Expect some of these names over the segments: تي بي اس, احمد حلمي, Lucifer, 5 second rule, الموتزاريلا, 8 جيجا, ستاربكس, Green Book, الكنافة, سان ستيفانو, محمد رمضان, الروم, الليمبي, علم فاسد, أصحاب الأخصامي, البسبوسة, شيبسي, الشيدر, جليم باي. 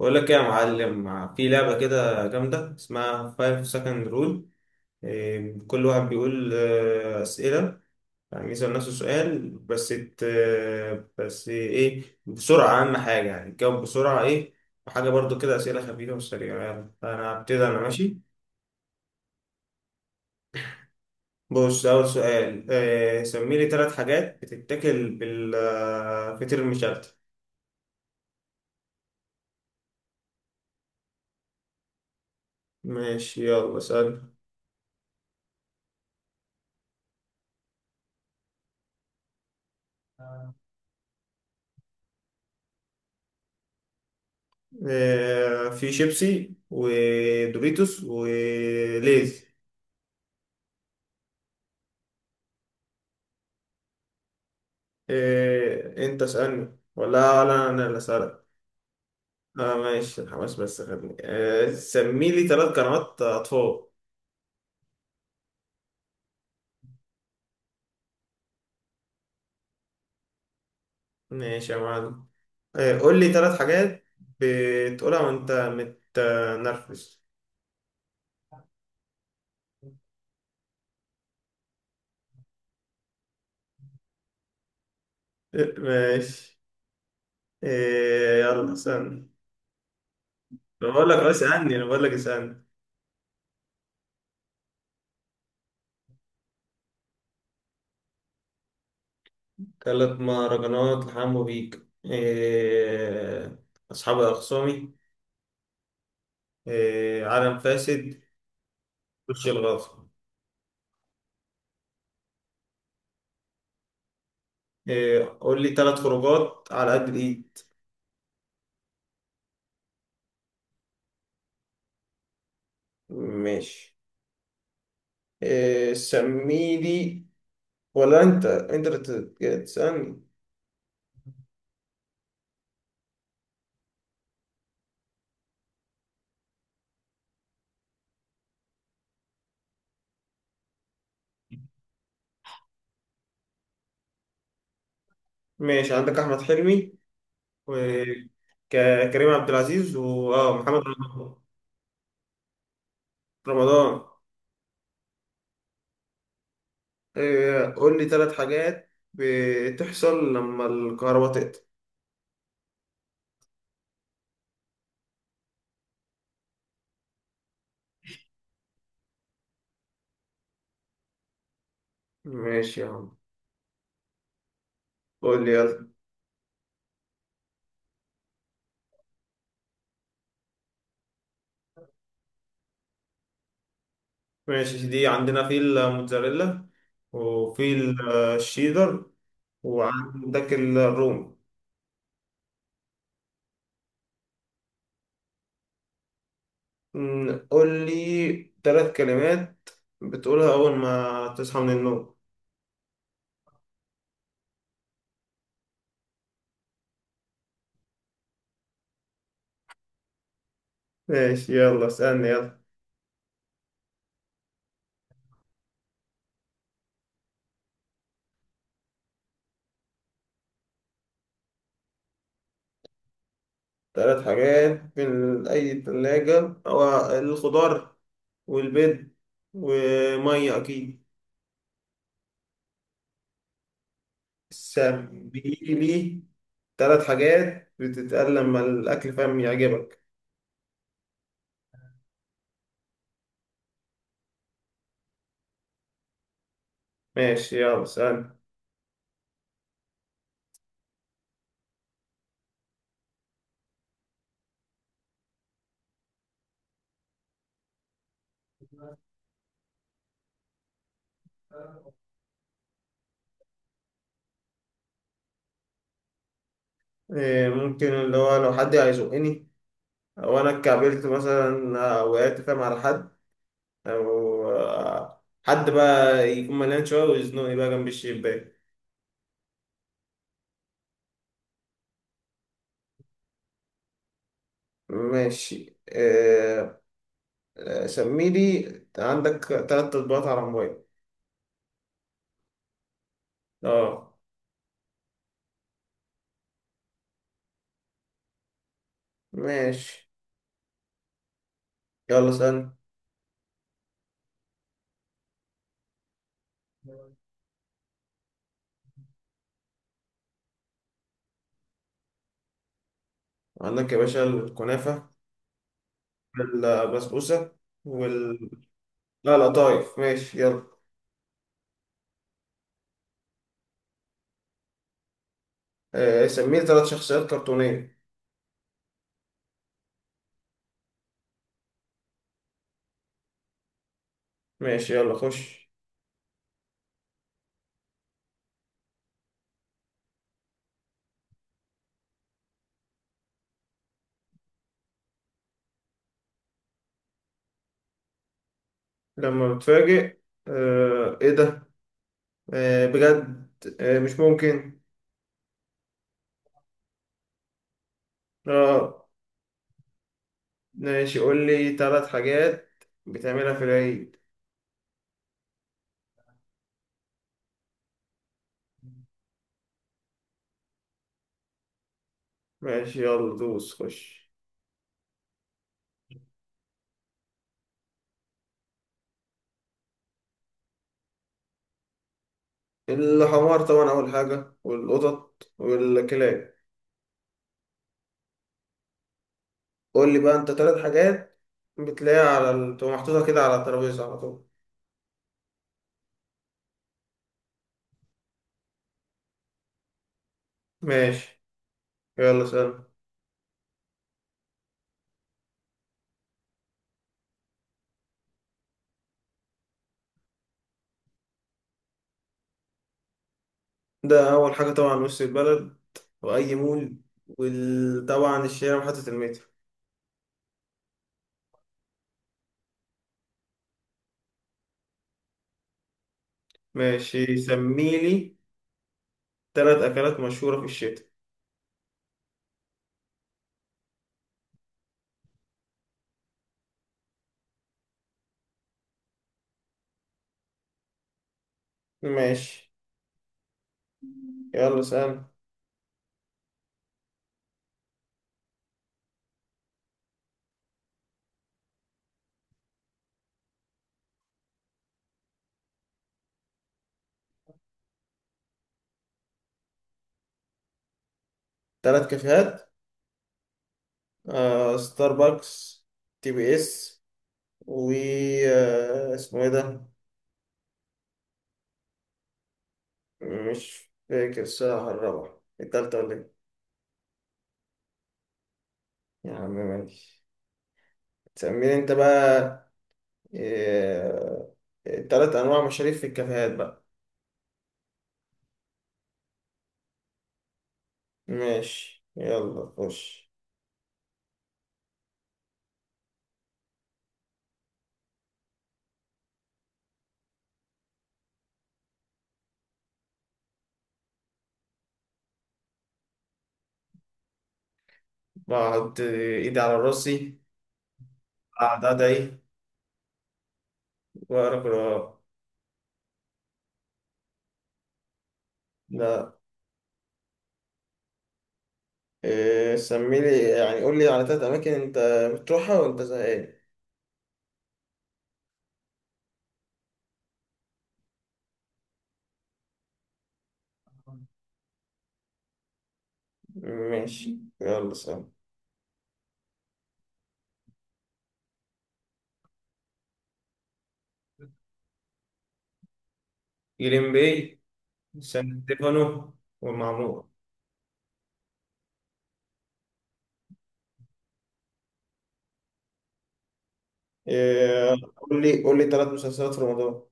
بقول لك ايه يا معلم، في لعبة كده جامدة اسمها 5 second rule. إيه، كل واحد بيقول أسئلة. يعني يسأل نفسه سؤال، بس بس إيه، بسرعة أهم حاجة، يعني تجاوب بسرعة إيه. وحاجة برضو كده أسئلة خفيفة وسريعة. يلا أنا هبتدي، أنا ماشي. بص، أول سؤال إيه؟ سمي لي ثلاث حاجات بتتاكل بالفطير المشلتت. ماشي، يلا اسأل. في شيبسي ودوريتوس وليز. انت اسألني ولا؟ لا، انا اللي اسألك. اه ماشي الحماس، بس خدني. سمي لي ثلاث قنوات اطفال. ماشي يا معلم. قول لي ثلاث حاجات بتقولها وانت متنرفز. ماشي. يلا اسألني. بقول لك اسألني، انا بقول لك اسألني. ثلاث مهرجانات لحمو بيك. أصحاب الأخصامي. إيه، علم فاسد. وش الغاصب. إيه، قول لي ثلاث خروجات على قد الايد. ماشي. إيه، سمي لي، ولا انت اللي تسألني؟ ماشي، عندك احمد حلمي وكريم عبد العزيز واه محمد رمضان. رمضان. إيه، قول لي ثلاث حاجات بتحصل لما الكهرباء تقطع. ماشي يا عم، قول لي يلا. ماشي، دي عندنا في الموتزاريلا، وفي الشيدر، وعندك الروم. قول لي ثلاث كلمات بتقولها أول ما تصحى من النوم. ماشي، يلا اسألني يلا. ثلاث حاجات في أي ثلاجة، هو الخضار والبيض ومية أكيد. سبيلي ثلاث حاجات بتتقال لما الأكل فاهم يعجبك. ماشي، يلا اسألني. إيه، ممكن اللي هو لو حد هيزقني، أو أنا اتكعبلت مثلا وقعت فاهم على حد، او حد بقى يكون مليان شويه ويزنقني بقى جنب الشباك. ماشي. سمي لي، عندك تلات تطبيقات على الموبايل. اه. ماشي يلا اسأل. عندك يا باشا الكنافة، البسبوسة، وال. لا لا، طايف، ماشي يلا. سمي لي تلات شخصيات كرتونية. ماشي يلا خش. لما بتفاجئ: ايه ده، بجد، مش ممكن. اه ماشي، قول لي ثلاث حاجات بتعملها في العيد. ماشي يلا دوس خش. الحمار طبعا أول حاجة، والقطط والكلاب. قول لي بقى أنت ثلاث حاجات بتلاقيها على تبقى محطوطة كده على الترابيزة على طول. ماشي، يلا سلام. ده أول حاجة طبعا وسط البلد، وأي مول، وطبعا الشارع وحتة المترو. ماشي، سميلي ثلاث أكلات مشهورة في الشتاء. ماشي، يلا سلام. ثلاث كافيهات: ستاربكس، تي بي اس، و اسمه ايه ده، مش فاكر الصراحة، الرابعة التالتة ولا ايه. يا عم ماشي، تسميني انت بقى. آه، تلات أنواع مشاريف في الكافيهات بقى. ماشي يلا خش. بحط إيدي على راسي، أقعد أدعي، وأقرأ قرآن. لا. إيه، سميلي يعني، قولي على تلات أماكن أنت بتروحها وأنت زهقان. ماشي، يلا سلام. جليم باي، سان ستيفانو، والمعمورة. إيه، قول لي ثلاث مسلسلات في رمضان.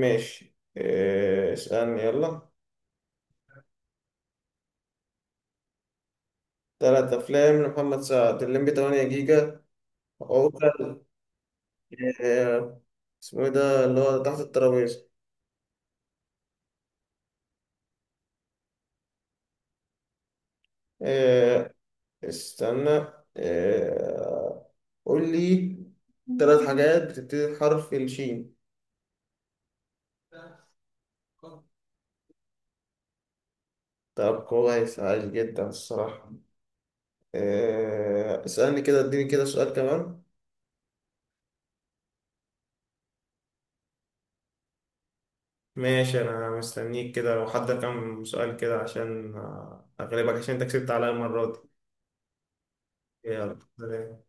ماشي. إيه، اسألني يلا. ثلاث أفلام لمحمد سعد: الليمبي 8 جيجا، عوكل. إيه، اسمه إيه ده اللي هو تحت الترابيزة. إيه، استنى. إيه، قول لي ثلاث حاجات بتبتدي بحرف الشين. طب كويس، عايش جدا الصراحة. إيه، اسألني كده، اديني كده سؤال كمان. ماشي، انا مستنيك كده، لو حد كام سؤال كده عشان اغلبك، عشان انت كسبت عليا المرة دي. يلا سلام.